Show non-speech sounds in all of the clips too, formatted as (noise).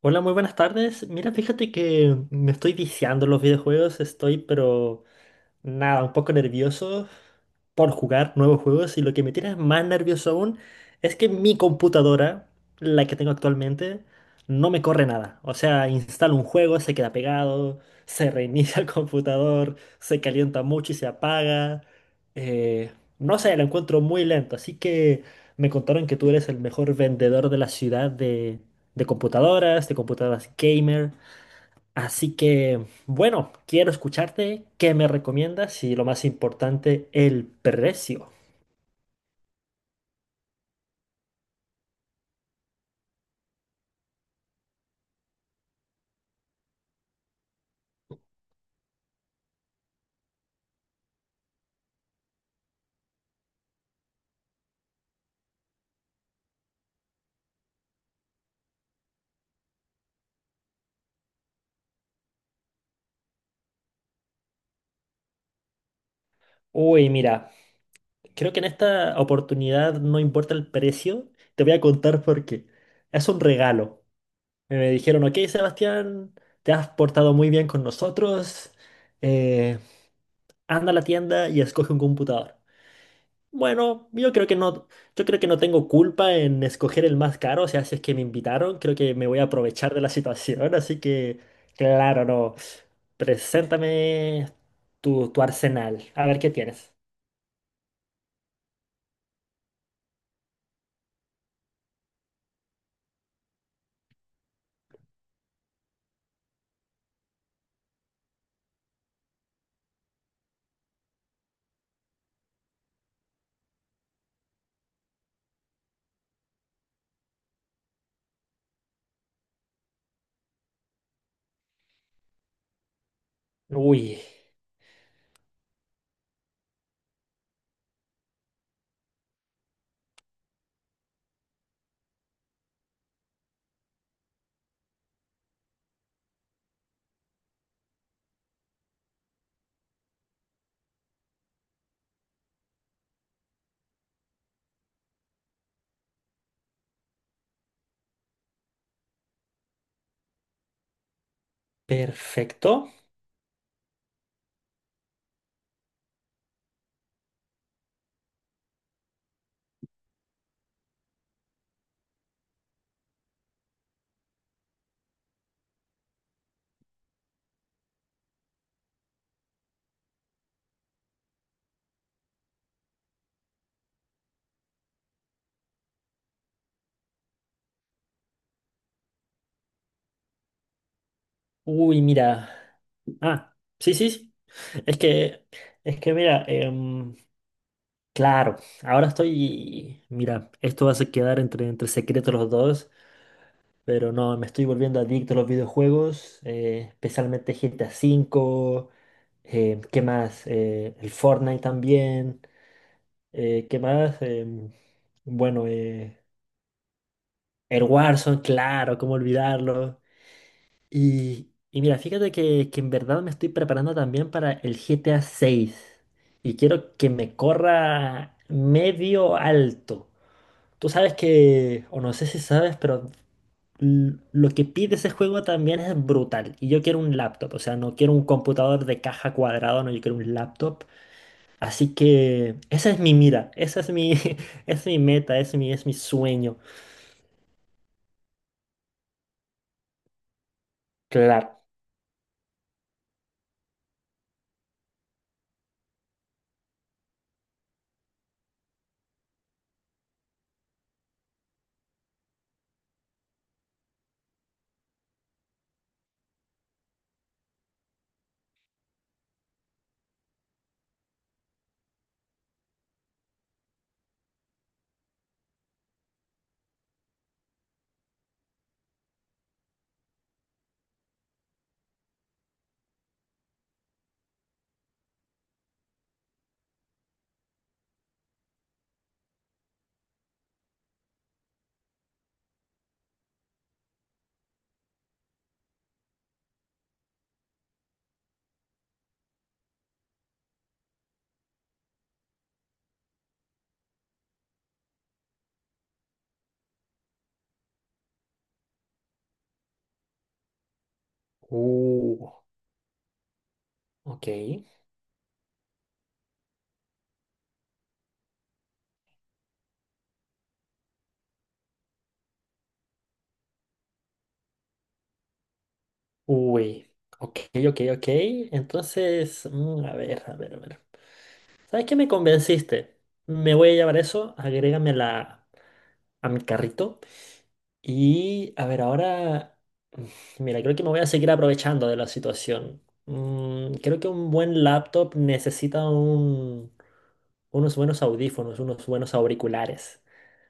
Hola, muy buenas tardes. Mira, fíjate que me estoy viciando en los videojuegos, estoy pero nada, un poco nervioso por jugar nuevos juegos, y lo que me tiene más nervioso aún es que mi computadora, la que tengo actualmente, no me corre nada. O sea, instalo un juego, se queda pegado, se reinicia el (laughs) computador, se calienta mucho y se apaga. Eh, no sé, lo encuentro muy lento, así que me contaron que tú eres el mejor vendedor de la ciudad de computadoras, de computadoras gamer. Así que, bueno, quiero escucharte. ¿Qué me recomiendas? Y lo más importante, el precio. Uy, mira, creo que en esta oportunidad no importa el precio. Te voy a contar por qué. Es un regalo. Me dijeron: ok, Sebastián, te has portado muy bien con nosotros. eh, Anda a la tienda y escoge un computador. Bueno, yo creo que no, yo creo que no tengo culpa en escoger el más caro, o sea, si es que me invitaron, creo que me voy a aprovechar de la (laughs) situación, así que, claro, no. Preséntame tu arsenal, a ver qué tienes. Uy, perfecto. Uy, mira. Ah, sí, sí, sí. Es que, es que mira, claro, ahora estoy, mira, esto va a quedar entre secretos los dos. Pero no, me estoy volviendo adicto a los videojuegos, especialmente GTA V. ¿Qué más? El Fortnite también. ¿Qué más? Bueno, eh, el Warzone, claro, cómo olvidarlo. Y mira, fíjate que en verdad me estoy preparando también para el GTA 6. Y quiero que me corra medio alto. Tú sabes que, o no sé si sabes, pero lo que pide ese juego también es brutal. Y yo quiero un laptop, o sea, no quiero un computador de caja cuadrado, no, yo quiero un laptop. Así que esa es mi mira, esa es mi, (laughs) es mi meta, es mi sueño. Claro. Uh, ok. Uy. Ok, ok, ok. Entonces, mm, a ver, a ver, a ver. ¿Sabes qué? Me convenciste. Me voy a llevar eso, agrégame a mi carrito. Y a ver, ahora, (sighs) mira, creo que me voy a seguir aprovechando de la situación. Creo que un buen laptop necesita unos buenos audífonos, unos buenos auriculares.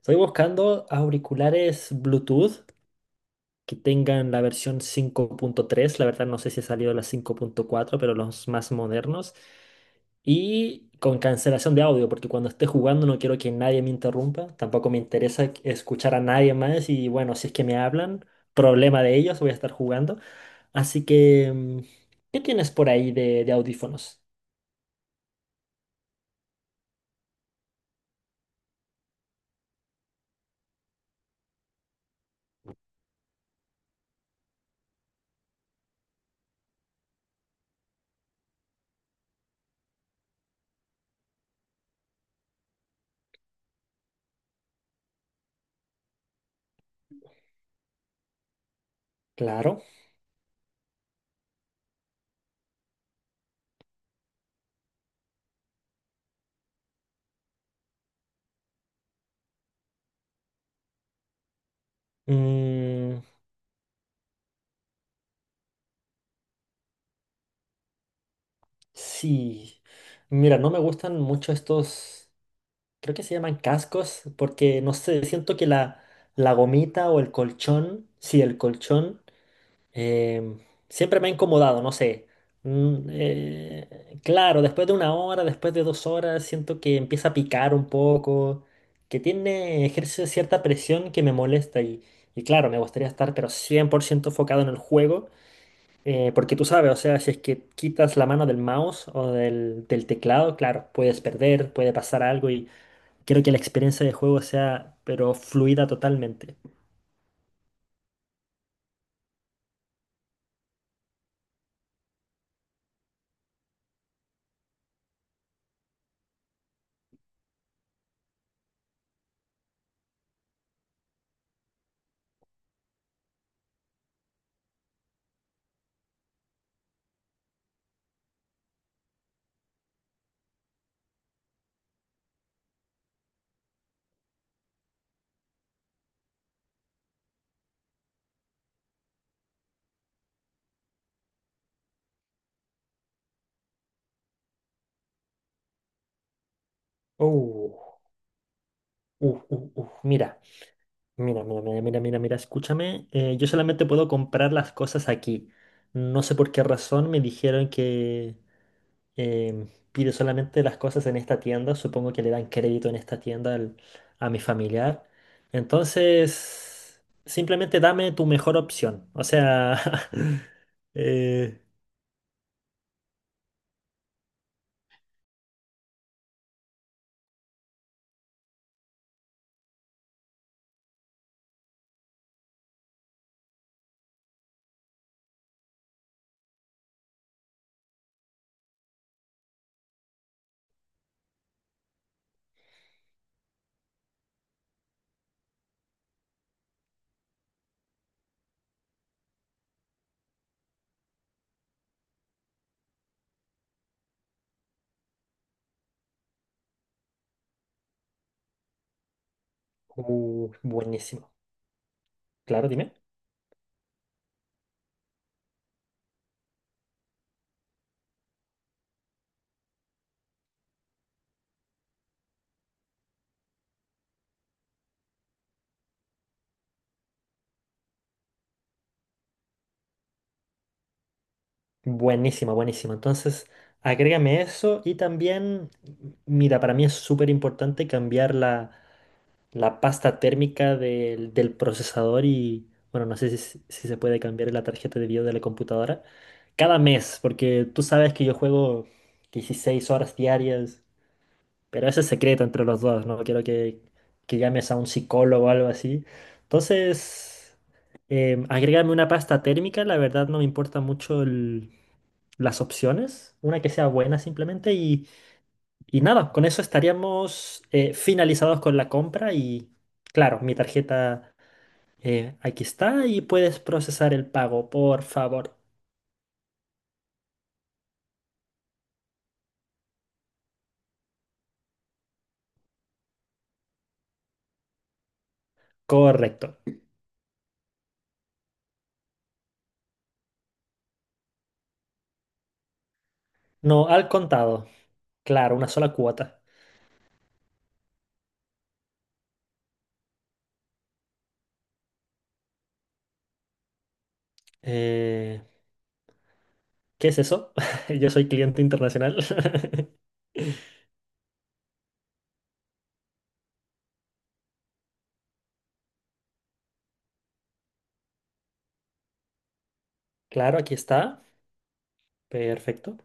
Estoy buscando auriculares Bluetooth que tengan la versión 5.3. La verdad, no sé si ha salido la 5.4, pero los más modernos, y con cancelación de audio, porque cuando esté jugando no quiero que nadie me interrumpa, tampoco me interesa escuchar a nadie más. Y bueno, si es que me hablan, problema de ellos, voy a estar jugando. Así que, ¿qué tienes por ahí de audífonos? Claro. Mm, sí. Mira, no me gustan mucho estos. Creo que se llaman cascos, porque no sé, siento que la gomita o el colchón, sí, el colchón, em, siempre me ha incomodado, no sé. Claro, después de 1 hora, después de 2 horas, siento que empieza a picar un poco, que tiene, ejerce cierta presión que me molesta, y claro, me gustaría estar pero 100% enfocado en el juego. Porque tú sabes, o sea, si es que quitas la mano del mouse o del teclado, claro, puedes perder, puede pasar algo. Quiero que la experiencia de juego sea, pero fluida totalmente. Uh, Mira, mira, mira, mira, mira, mira, mira, escúchame. Yo solamente puedo comprar las cosas aquí. No sé por qué razón me dijeron que pide solamente las cosas en esta tienda. Supongo que le dan crédito en esta tienda a mi familiar. Entonces, simplemente dame tu mejor opción. O sea, (laughs) eh, buenísimo. Claro, dime. Buenísima, buenísima. Entonces, agrégame eso, y también, mira, para mí es súper importante cambiar la pasta térmica del procesador y, bueno, no sé si se puede cambiar la tarjeta de video de la computadora cada mes, porque tú sabes que yo juego 16 horas diarias, pero ese es secreto entre los dos, no quiero que llames a un psicólogo o algo así. Entonces, agrégame una pasta térmica, la verdad no me importa mucho las opciones, una que sea buena simplemente. Y y nada, con eso estaríamos finalizados con la compra, y claro, mi tarjeta aquí está, y puedes procesar el pago, por favor. Correcto. No, al contado. Claro, una sola cuota. Eh, ¿Qué es eso? (laughs) Yo soy cliente internacional. (laughs) Claro, aquí está. Perfecto.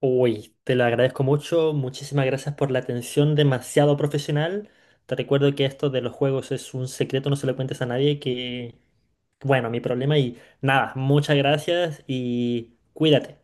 Uy, te lo agradezco mucho. Muchísimas gracias por la atención demasiado profesional. Te recuerdo que esto de los juegos es un secreto, no se lo cuentes a nadie, que bueno, mi problema, y nada, muchas gracias y cuídate.